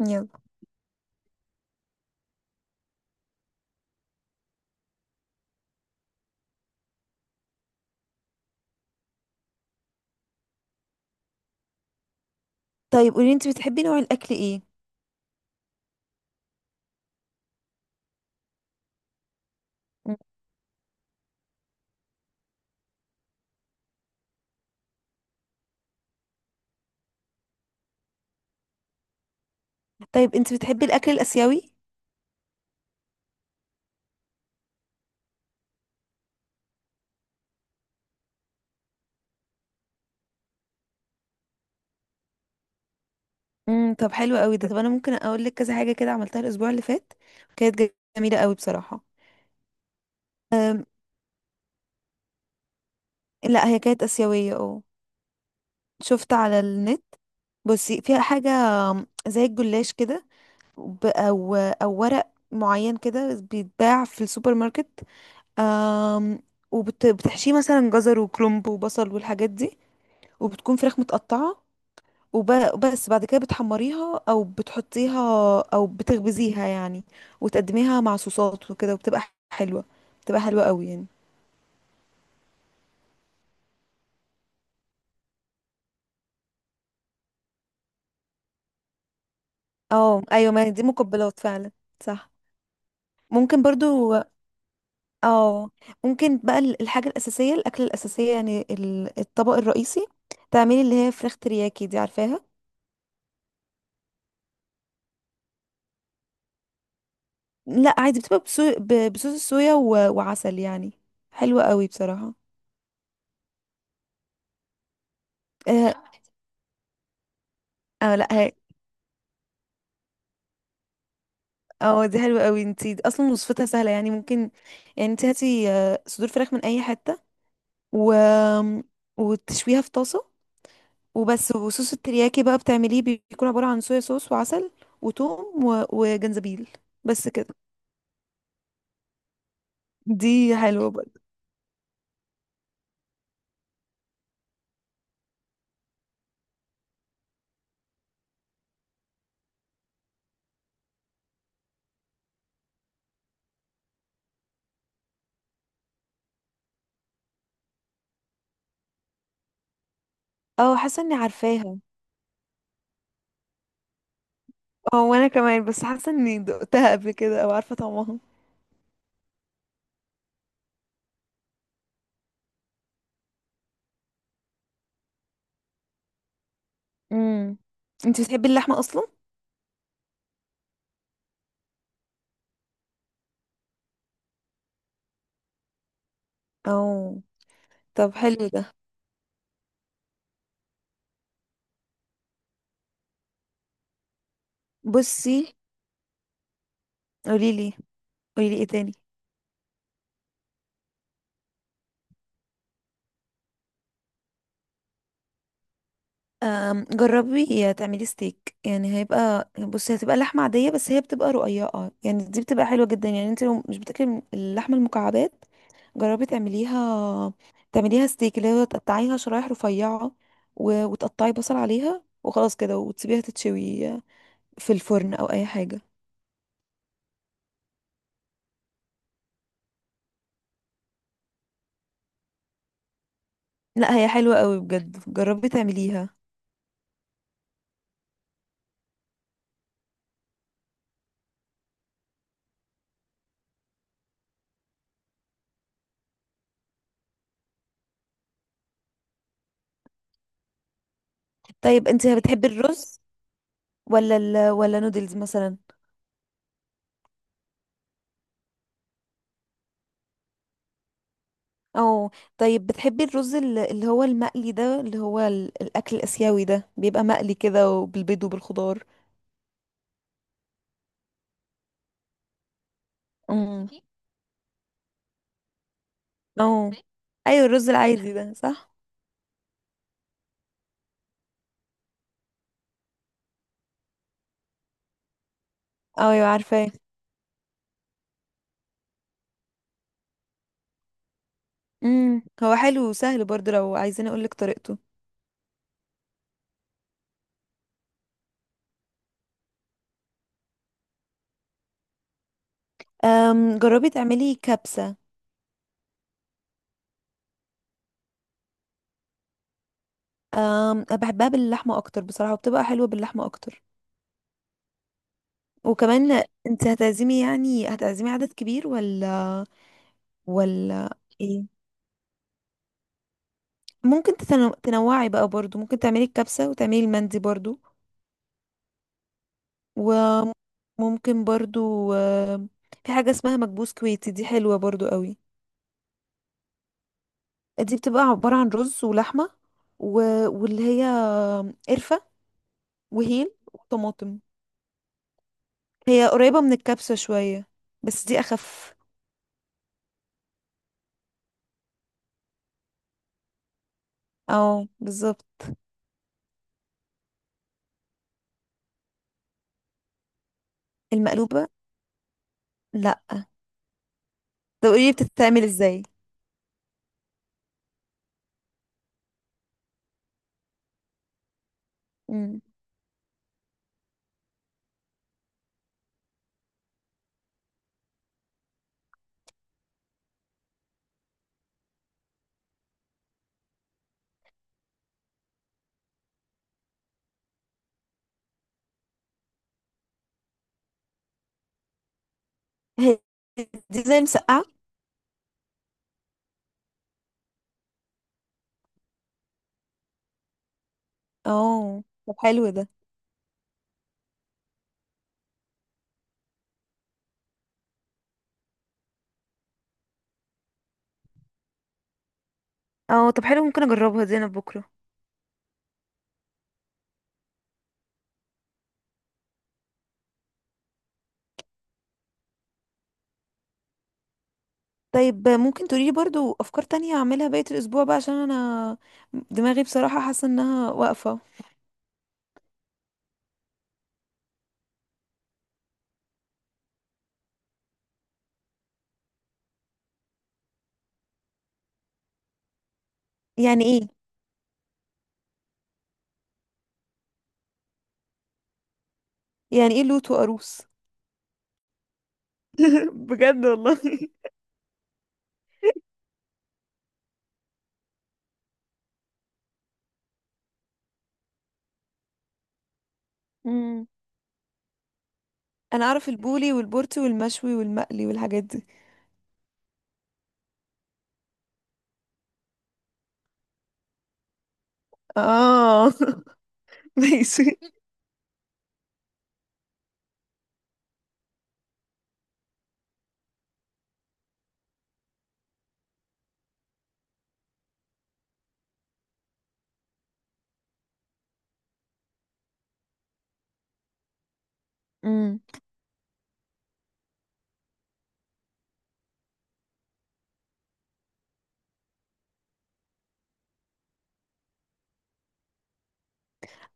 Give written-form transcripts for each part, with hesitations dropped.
يلا. طيب، قولي انت بتحبي نوع الاكل ايه؟ طيب، انت بتحبي الاكل الاسيوي؟ طب حلو قوي ده. طب انا ممكن اقول لك كذا حاجه كده عملتها الاسبوع اللي فات. كانت جميله قوي بصراحه. أم لا، هي كانت اسيويه اه. شفت على النت. بصي، فيها حاجه زي الجلاش كده، او ورق معين كده بيتباع في السوبر ماركت. أم وبتحشيه مثلا جزر وكرنب وبصل والحاجات دي، وبتكون فراخ متقطعه. وبس بعد كده بتحمريها او بتحطيها، او بتخبزيها يعني، وتقدميها مع صوصات وكده وبتبقى حلوة. بتبقى حلوة قوي يعني. اه، ايوه، ما هي دي مقبلات فعلا. صح. ممكن برضو. اه. ممكن بقى الحاجة الأساسية، الأكلة الأساسية يعني الطبق الرئيسي، تعملي اللي هي فراخ ترياكي دي، عارفاها؟ لا، عادي، بتبقى بصوص الصويا وعسل يعني. حلوة قوي بصراحة. اه، آه، لا. اه، دي حلوة قوي، انتي اصلا وصفتها سهلة يعني ممكن. يعني انتي هاتي صدور فراخ من اي حتة، و... وتشويها في طاسة. وبس، وصوص الترياكي بقى بتعمليه بيكون عبارة عن صويا صوص وعسل، وتوم وجنزبيل. بس كده. دي حلوة برضه. اه، حاسة اني عارفاها. اه، وانا كمان، بس حاسة اني دقتها قبل كده او عارفة طعمها. امم انتي بتحبي اللحمة اصلا؟ اه، طب حلو ده. بصي. قوليلي قوليلي ايه تاني؟ جربي تعملي ستيك، يعني هيبقى، بصي هتبقى لحمة عادية، بس هي بتبقى رقيقة يعني، دي بتبقى حلوة جدا يعني، انت لو مش بتاكلي من اللحمة المكعبات جربي تعمليها. تعمليها ستيك اللي هو تقطعيها شرايح رفيعة، وتقطعي بصل عليها وخلاص كده وتسيبيها تتشوي في الفرن او اي حاجة. لا، هي حلوة قوي بجد، جربي تعمليها. طيب، انت بتحبي الرز ولا ولا نودلز مثلا؟ اه. طيب، بتحبي الرز اللي هو المقلي ده، اللي هو الاكل الاسيوي ده بيبقى مقلي كده وبالبيض وبالخضار؟ عارفاه. اه، ايوه، الرز العادي ده صح. اه، ايوه، عارفاه. هو حلو وسهل برضو لو عايزين اقولك طريقته. جربي تعملي كبسة. بحبها باللحمة اكتر بصراحة، وبتبقى حلوة باللحمة اكتر. وكمان انت هتعزمي، يعني هتعزمي عدد كبير ولا ولا ايه؟ ممكن تنوعي بقى برضو، ممكن تعملي الكبسة وتعملي المندي برضو. وممكن برضو في حاجة اسمها مكبوس كويتي، دي حلوة برضو قوي. دي بتبقى عبارة عن رز ولحمة و... واللي هي قرفة وهيل وطماطم. هي قريبة من الكبسة شوية، بس دي أخف. اه، بالظبط. المقلوبة؟ لأ. طب قولي بتتعمل ازاي؟ مم. هي دي زي المسقعة؟ اه، طب حلو ده. اه، طب حلو، ممكن اجربها دي انا بكرة. طيب، ممكن تقوليلي برضو افكار تانية اعملها بقية الاسبوع بقى، عشان انا دماغي بصراحة حاسة انها واقفة. يعني ايه؟ يعني ايه لوت وقاروص؟ بجد والله؟ امم انا اعرف البولي والبورتي والمشوي والمقلي والحاجات دي. اه، ماشي. امم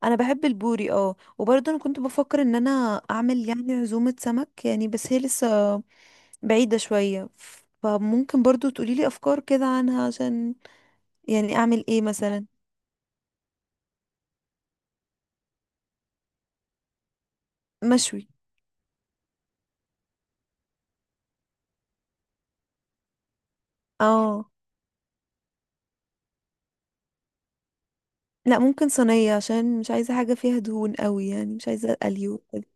انا بحب البوري، اه، وبرضه انا كنت بفكر ان انا اعمل يعني عزومة سمك يعني، بس هي لسه بعيدة شوية. فممكن برضه تقوليلي افكار كده عنها، عشان يعني اعمل ايه مثلا؟ مشوي. اه. لا، ممكن صينية، عشان مش عايزة حاجة فيها دهون قوي يعني، مش عايزة اليو وكده.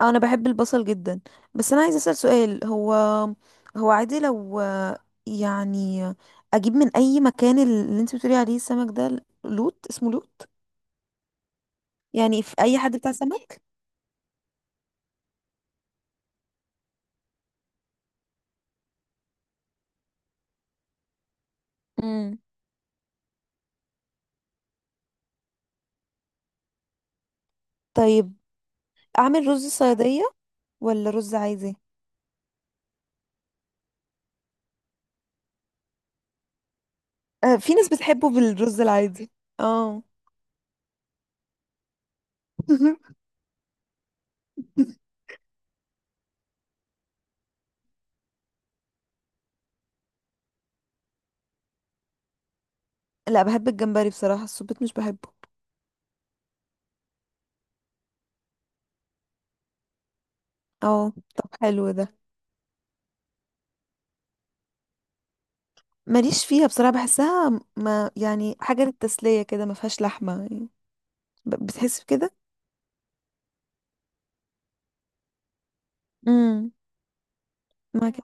اه، انا بحب البصل جدا. بس انا عايزة اسأل سؤال، هو هو عادي لو يعني، اجيب من اي مكان اللي انت بتقولي عليه السمك ده، لوت اسمه لوت؟ يعني في اي حد بتاع سمك؟ امم طيب، اعمل رز صيادية ولا رز عادي؟ في ناس بتحبه بالرز العادي. اه، لا، بحب الجمبري بصراحة، السبيط مش بحبه. اه، طب حلو ده. ماليش فيها بصراحة، بحسها ما يعني حاجة للتسلية كده، ما فيهاش لحمة يعني، بتحس بكده. امم معاك.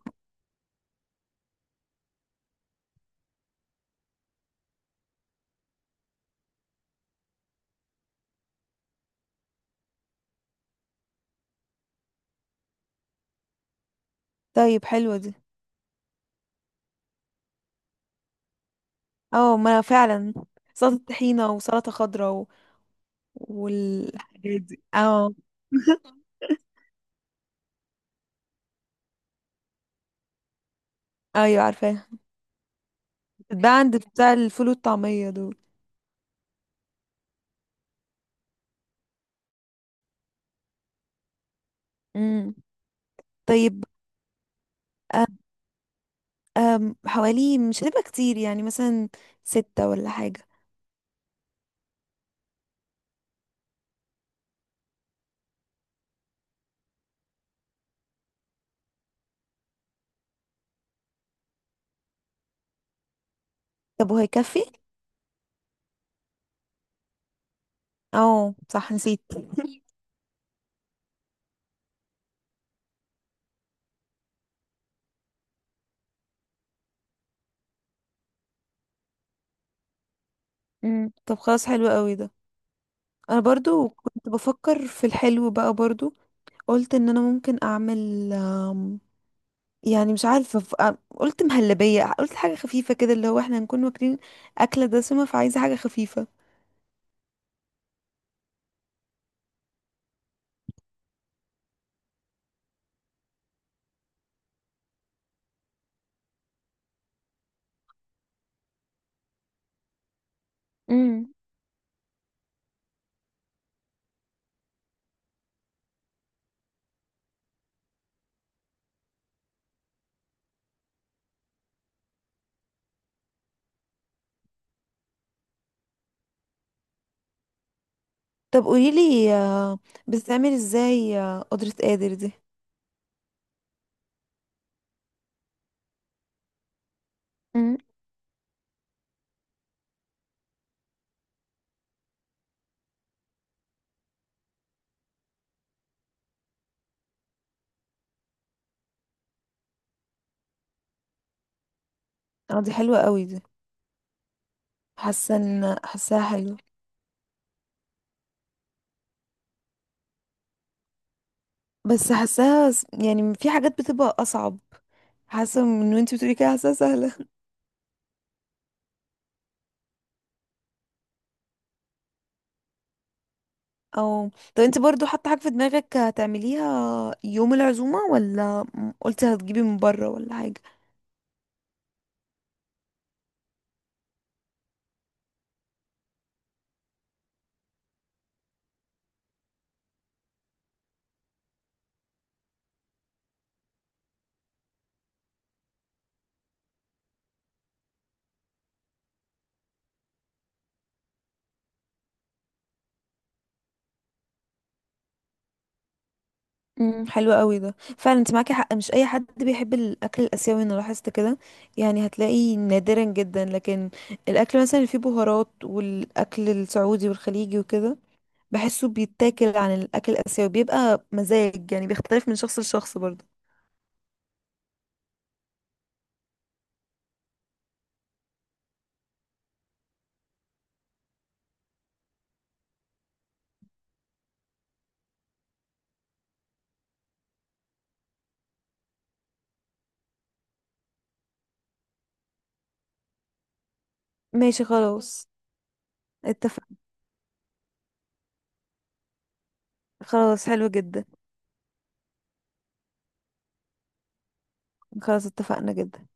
طيب، حلوة دي. اه، ما فعلا. سلطة طحينة وسلطة خضراء والحاجات دي، اه. ايوه، عارفاها. بتتباع عند بتاع الفول والطعمية دول. امم طيب. حوالي مش هتبقى كتير يعني، مثلا ستة ولا حاجة. طب وهيكفي؟ اه، صح، نسيت. طب خلاص، حلو قوي ده. انا برضو كنت بفكر في الحلو بقى برضو، قلت ان انا ممكن اعمل يعني مش عارفه قلت مهلبيه، قلت حاجه خفيفه كده اللي هو احنا هنكون واكلين اكله دسمه، فعايزه حاجه خفيفه. امم طب قوليلي بتتعمل ازاي قدرة قادر دي؟ امم اه، دي حلوة قوي دي. حاسة ان حاساها حلوة. بس حاساها يعني في حاجات بتبقى اصعب، حاسة من وانتي بتقولي كده حاساها سهلة. او، طب انت برضو حاطه حاجه في دماغك هتعمليها يوم العزومه، ولا قلتي هتجيبي من بره ولا حاجه؟ حلو قوي ده، فعلا انت معاكي حق، مش اي حد بيحب الاكل الاسيوي، انا لاحظت كده. يعني هتلاقي نادرا جدا، لكن الاكل مثلا اللي فيه بهارات، والاكل السعودي والخليجي وكده، بحسه بيتاكل عن الاكل الاسيوي، بيبقى مزاج يعني بيختلف من شخص لشخص برضو. ماشي، خلاص. اتفق. خلاص، حلو جدا. خلاص، اتفقنا جدا.